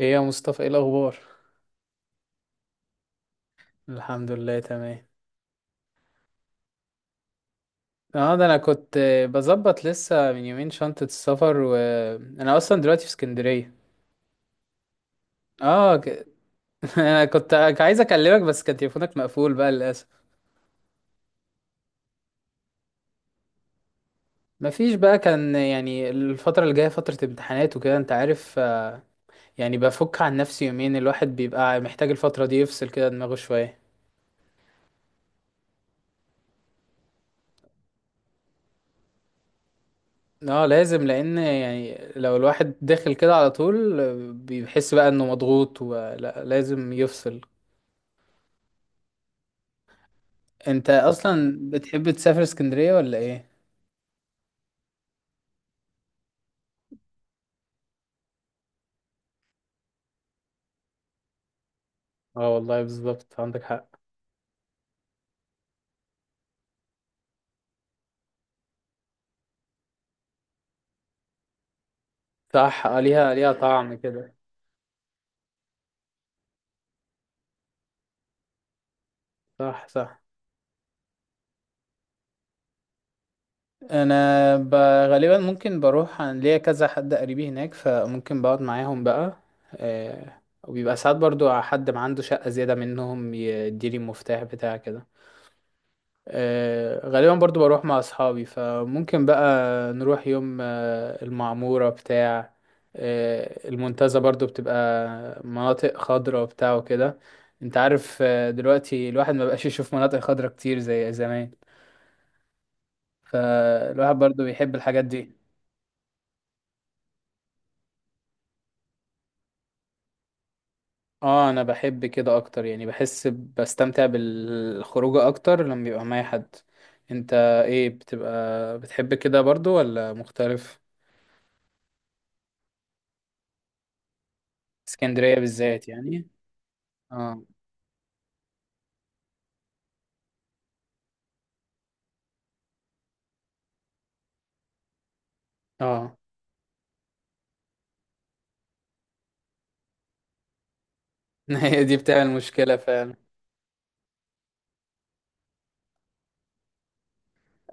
ايه يا مصطفى، ايه الاخبار؟ الحمد لله، تمام. اه، ده انا كنت بظبط لسه من يومين شنطة السفر، وانا اصلا دلوقتي في اسكندرية. اه. انا كنت عايز اكلمك، بس كان تليفونك مقفول بقى للاسف. مفيش بقى، كان يعني الفترة اللي جاية فترة امتحانات وكده، انت عارف، يعني بفك عن نفسي يومين، الواحد بيبقى محتاج الفترة دي يفصل كده دماغه شوية. اه لازم، لان يعني لو الواحد داخل كده على طول بيحس بقى انه مضغوط، ولا لازم يفصل. انت اصلا بتحب تسافر اسكندرية ولا ايه؟ اه والله بالظبط، عندك حق. صح، ليها ليها طعم كده. صح صح. انا ب... غالبا ممكن بروح، عن ليا كذا حد قريبي هناك فممكن بقعد معاهم بقى. وبيبقى ساعات برضو حد ما عنده شقة زيادة منهم يديلي المفتاح بتاع كده. غالبا برضو بروح مع اصحابي، فممكن بقى نروح يوم المعمورة بتاع، المنتزه، برضو بتبقى مناطق خضرة وبتاع وكده. انت عارف، دلوقتي الواحد ما بقاش يشوف مناطق خضرة كتير زي زمان. فالواحد برضو بيحب الحاجات دي. اه انا بحب كده اكتر، يعني بحس بستمتع بالخروجة اكتر لما بيبقى معايا حد. انت ايه، بتبقى بتحب كده برضو ولا مختلف؟ اسكندرية بالذات يعني. اه. اه. هي دي بتعمل مشكلة فعلا.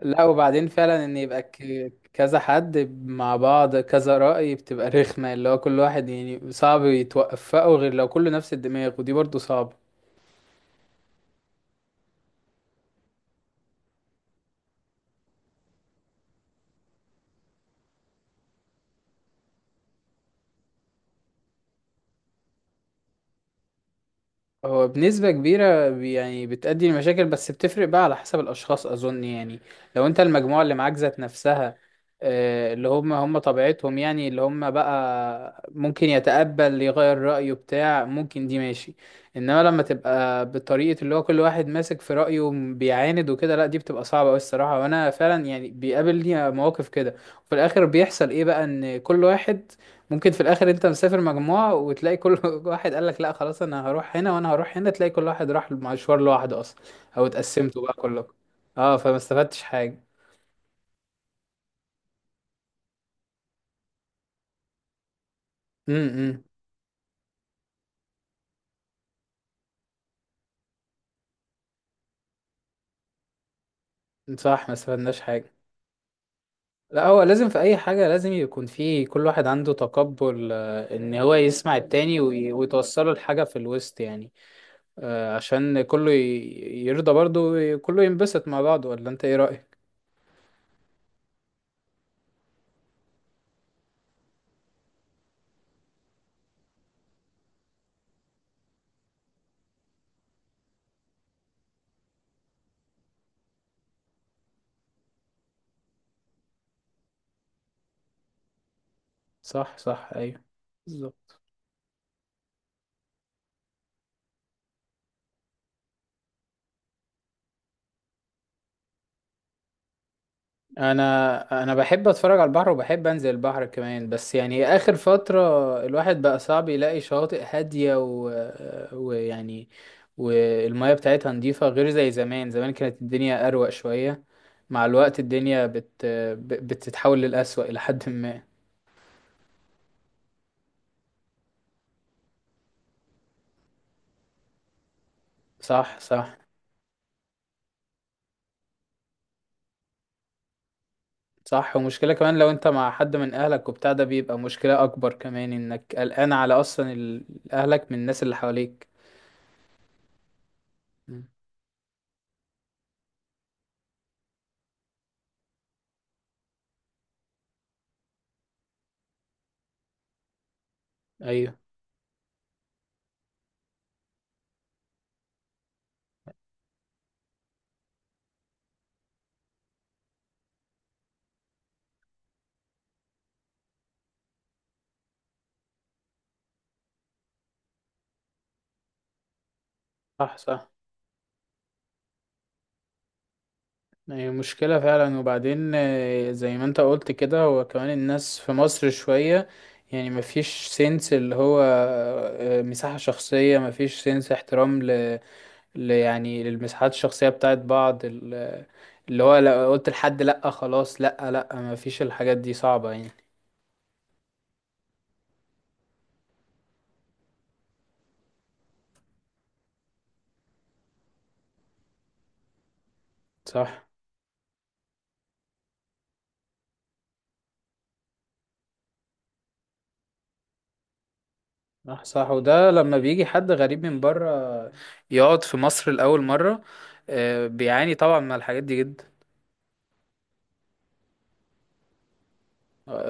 لا، وبعدين فعلا ان يبقى كذا حد مع بعض كذا رأي، بتبقى رخمة. اللي هو كل واحد يعني صعب يتوفقوا غير لو كله نفس الدماغ، ودي برضو صعبة. هو بنسبة كبيرة يعني بتأدي لمشاكل، بس بتفرق بقى على حسب الأشخاص أظن يعني. لو أنت المجموعة اللي معاك ذات نفسها، اللي هم هم طبيعتهم، يعني اللي هم بقى ممكن يتقبل يغير رأيه بتاع، ممكن دي ماشي. إنما لما تبقى بالطريقة اللي هو كل واحد ماسك في رأيه، بيعاند وكده، لا دي بتبقى صعبة أوي الصراحة. وأنا فعلا يعني بيقابلني مواقف كده، وفي الآخر بيحصل إيه بقى، إن كل واحد ممكن في الاخر انت مسافر مجموعة، وتلاقي كل واحد قال لك لا خلاص انا هروح هنا وانا هروح هنا، تلاقي كل واحد راح مشوار لوحده اصلا، او اتقسمتوا بقى كلكم. اه فما استفدتش حاجة. امم. إمم. صح، ما استفدناش حاجة. لا هو لازم في اي حاجة لازم يكون في كل واحد عنده تقبل، ان هو يسمع التاني ويتوصله لحاجة في الوسط يعني. عشان كله يرضى برضه، وكله ينبسط مع بعضه. ولا انت ايه رأيك؟ صح صح ايوه. بالظبط. انا بحب اتفرج على البحر، وبحب انزل البحر كمان. بس يعني اخر فترة الواحد بقى صعب يلاقي شواطئ هادية و... ويعني والمياه بتاعتها نظيفة غير زي زمان. زمان كانت الدنيا اروق شوية، مع الوقت الدنيا بتتحول للأسوأ الى حد ما. صح صح. صح، ومشكلة كمان لو انت مع حد من اهلك وبتاع ده، بيبقى مشكلة اكبر كمان، انك قلقان على اصلا اهلك من الناس اللي حواليك. مم. ايوه. صح صح، هي مشكلة فعلا. وبعدين زي ما انت قلت كده، هو كمان الناس في مصر شوية يعني مفيش سنس اللي هو، مساحة شخصية، مفيش سنس احترام، يعني للمساحات الشخصية بتاعت بعض. اللي هو لو قلت لحد لأ خلاص، لأ لأ مفيش، الحاجات دي صعبة يعني. صح صح. صح، وده لما بيجي حد غريب من بره يقعد في مصر لأول مرة، بيعاني طبعا من الحاجات دي جدا.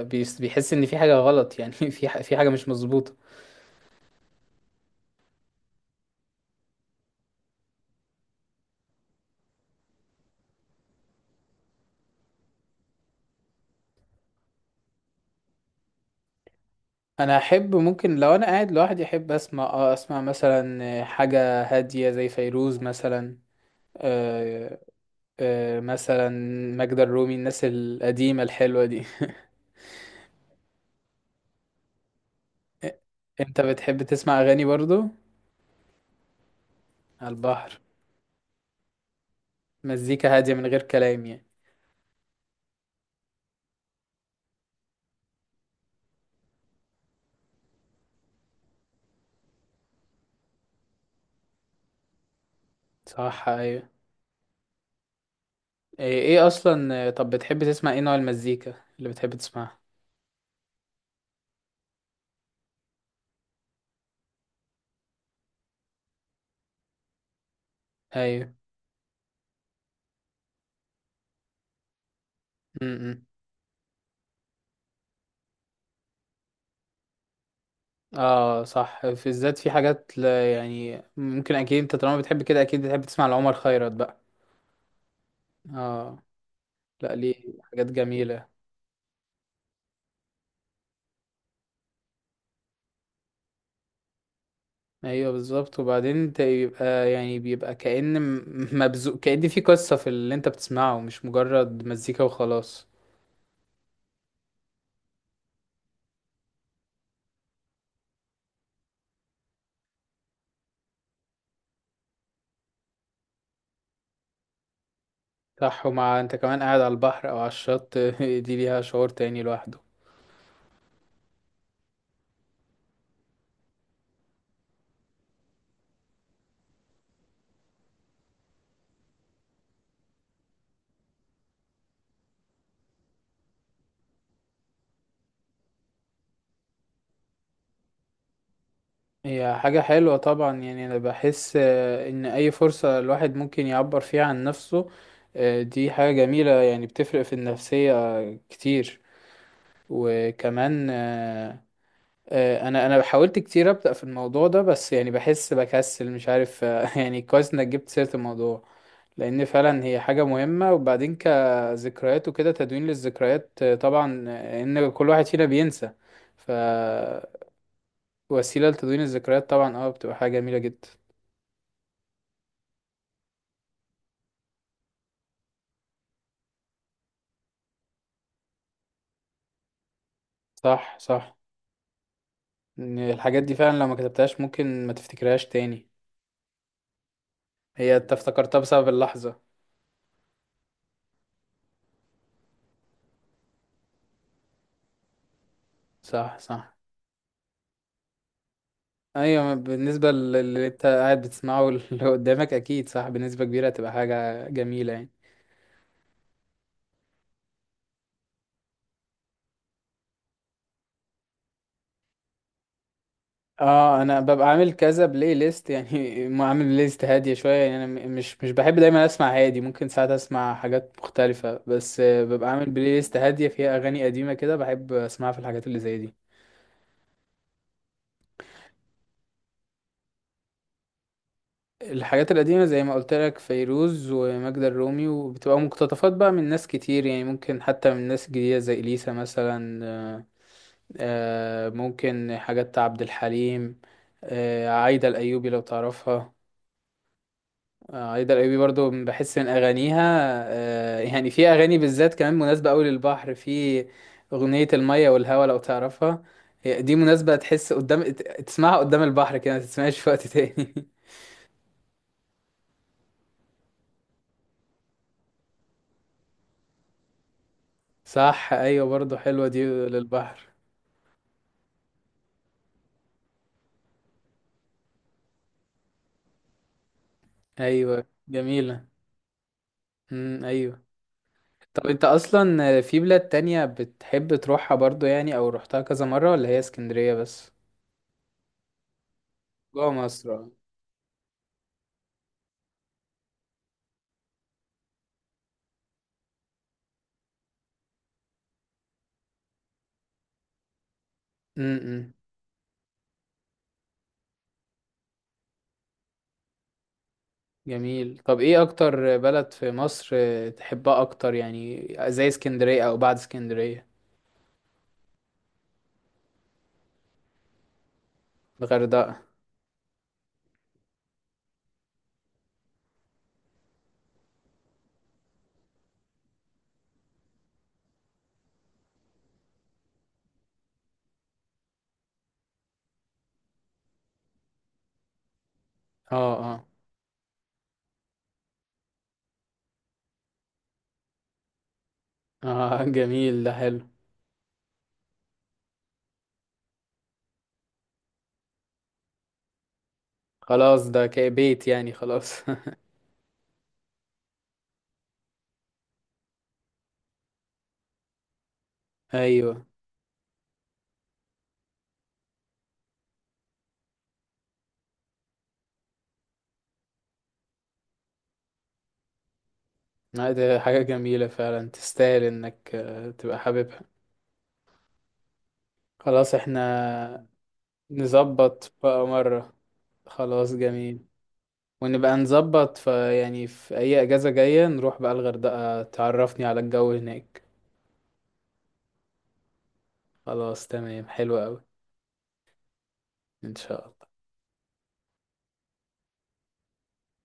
بيحس ان في حاجه غلط، يعني في حاجه مش مظبوطه. انا احب، ممكن لو انا قاعد لوحدي احب اسمع، اسمع مثلا حاجه هاديه زي فيروز مثلا. آه. مثلا ماجدة الرومي، الناس القديمه الحلوه دي. انت بتحب تسمع اغاني برضو على البحر؟ مزيكا هاديه من غير كلام يعني؟ صح ايوه. ايه اصلا، طب بتحب تسمع ايه، نوع المزيكا اللي بتحب تسمعها؟ ايوه. م- م. اه صح، في الذات في حاجات، لا يعني ممكن اكيد انت طالما بتحب كده اكيد بتحب تسمع لعمر خيرت بقى. اه. لا ليه، حاجات جميلة. ايوه بالظبط. وبعدين انت يبقى يعني بيبقى كأن مبذوق، كأن في قصة في اللي انت بتسمعه مش مجرد مزيكا وخلاص. صح، ومع انت كمان قاعد على البحر او على الشط دي ليها شعور تاني لوحده. هي حاجة حلوة طبعا، يعني أنا بحس إن أي فرصة الواحد ممكن يعبر فيها عن نفسه، دي حاجة جميلة، يعني بتفرق في النفسية كتير. وكمان أنا حاولت كتير أبدأ في الموضوع ده، بس يعني بحس بكسل مش عارف، يعني كويس إنك جبت سيرة الموضوع. لأن فعلا هي حاجة مهمة، وبعدين كذكريات وكده، تدوين للذكريات طبعا، إن كل واحد فينا بينسى، فوسيلة لتدوين الذكريات طبعا. اه بتبقى حاجة جميلة جدا. صح صح. إن الحاجات دي فعلا لو ما كتبتهاش ممكن ما تفتكرهاش تاني. هي انت افتكرتها بسبب اللحظة. صح صح ايوه، بالنسبة للي انت قاعد بتسمعه واللي قدامك، اكيد صح بنسبة كبيرة هتبقى حاجة جميلة يعني. اه، انا ببقى عامل كذا بلاي ليست يعني، ما عامل بلاي ليست هادية شوية يعني. انا مش بحب دايما اسمع هادي، ممكن ساعات اسمع حاجات مختلفة، بس ببقى عامل بلاي ليست هادية فيها اغاني قديمة كده بحب اسمعها في الحاجات اللي زي دي. الحاجات القديمة زي ما قلت لك، فيروز وماجدة الرومي، وبتبقى مقتطفات بقى من ناس كتير يعني ممكن حتى من ناس جديدة زي إليسا مثلا. ممكن حاجات عبد الحليم. عايدة الأيوبي لو تعرفها. عايدة الأيوبي برضو بحس من أغانيها، يعني في أغاني بالذات كمان مناسبة أوي للبحر، في أغنية المية والهوا لو تعرفها. هي دي مناسبة، تحس قدام، تسمعها قدام البحر كده، ما تسمعهاش في وقت تاني صح ايوه، برضو حلوه دي للبحر. ايوه جميلة. ايوه. طب انت اصلا في بلاد تانية بتحب تروحها برضو يعني، او روحتها كذا مرة، ولا هي اسكندرية بس؟ جوه مصر اه. امم. جميل. طب ايه اكتر بلد في مصر تحبها اكتر يعني، زي اسكندرية او بعد اسكندرية؟ الغردقة. اه اه اه. جميل، ده حلو. خلاص ده كبيت يعني، خلاص ايوه. لا، ده حاجة جميلة فعلا، تستاهل انك تبقى حاببها. خلاص احنا نظبط بقى مرة. خلاص جميل. ونبقى نظبط في أي أجازة جاية نروح بقى الغردقة، تعرفني على الجو هناك. خلاص تمام، حلو أوي. إن شاء الله.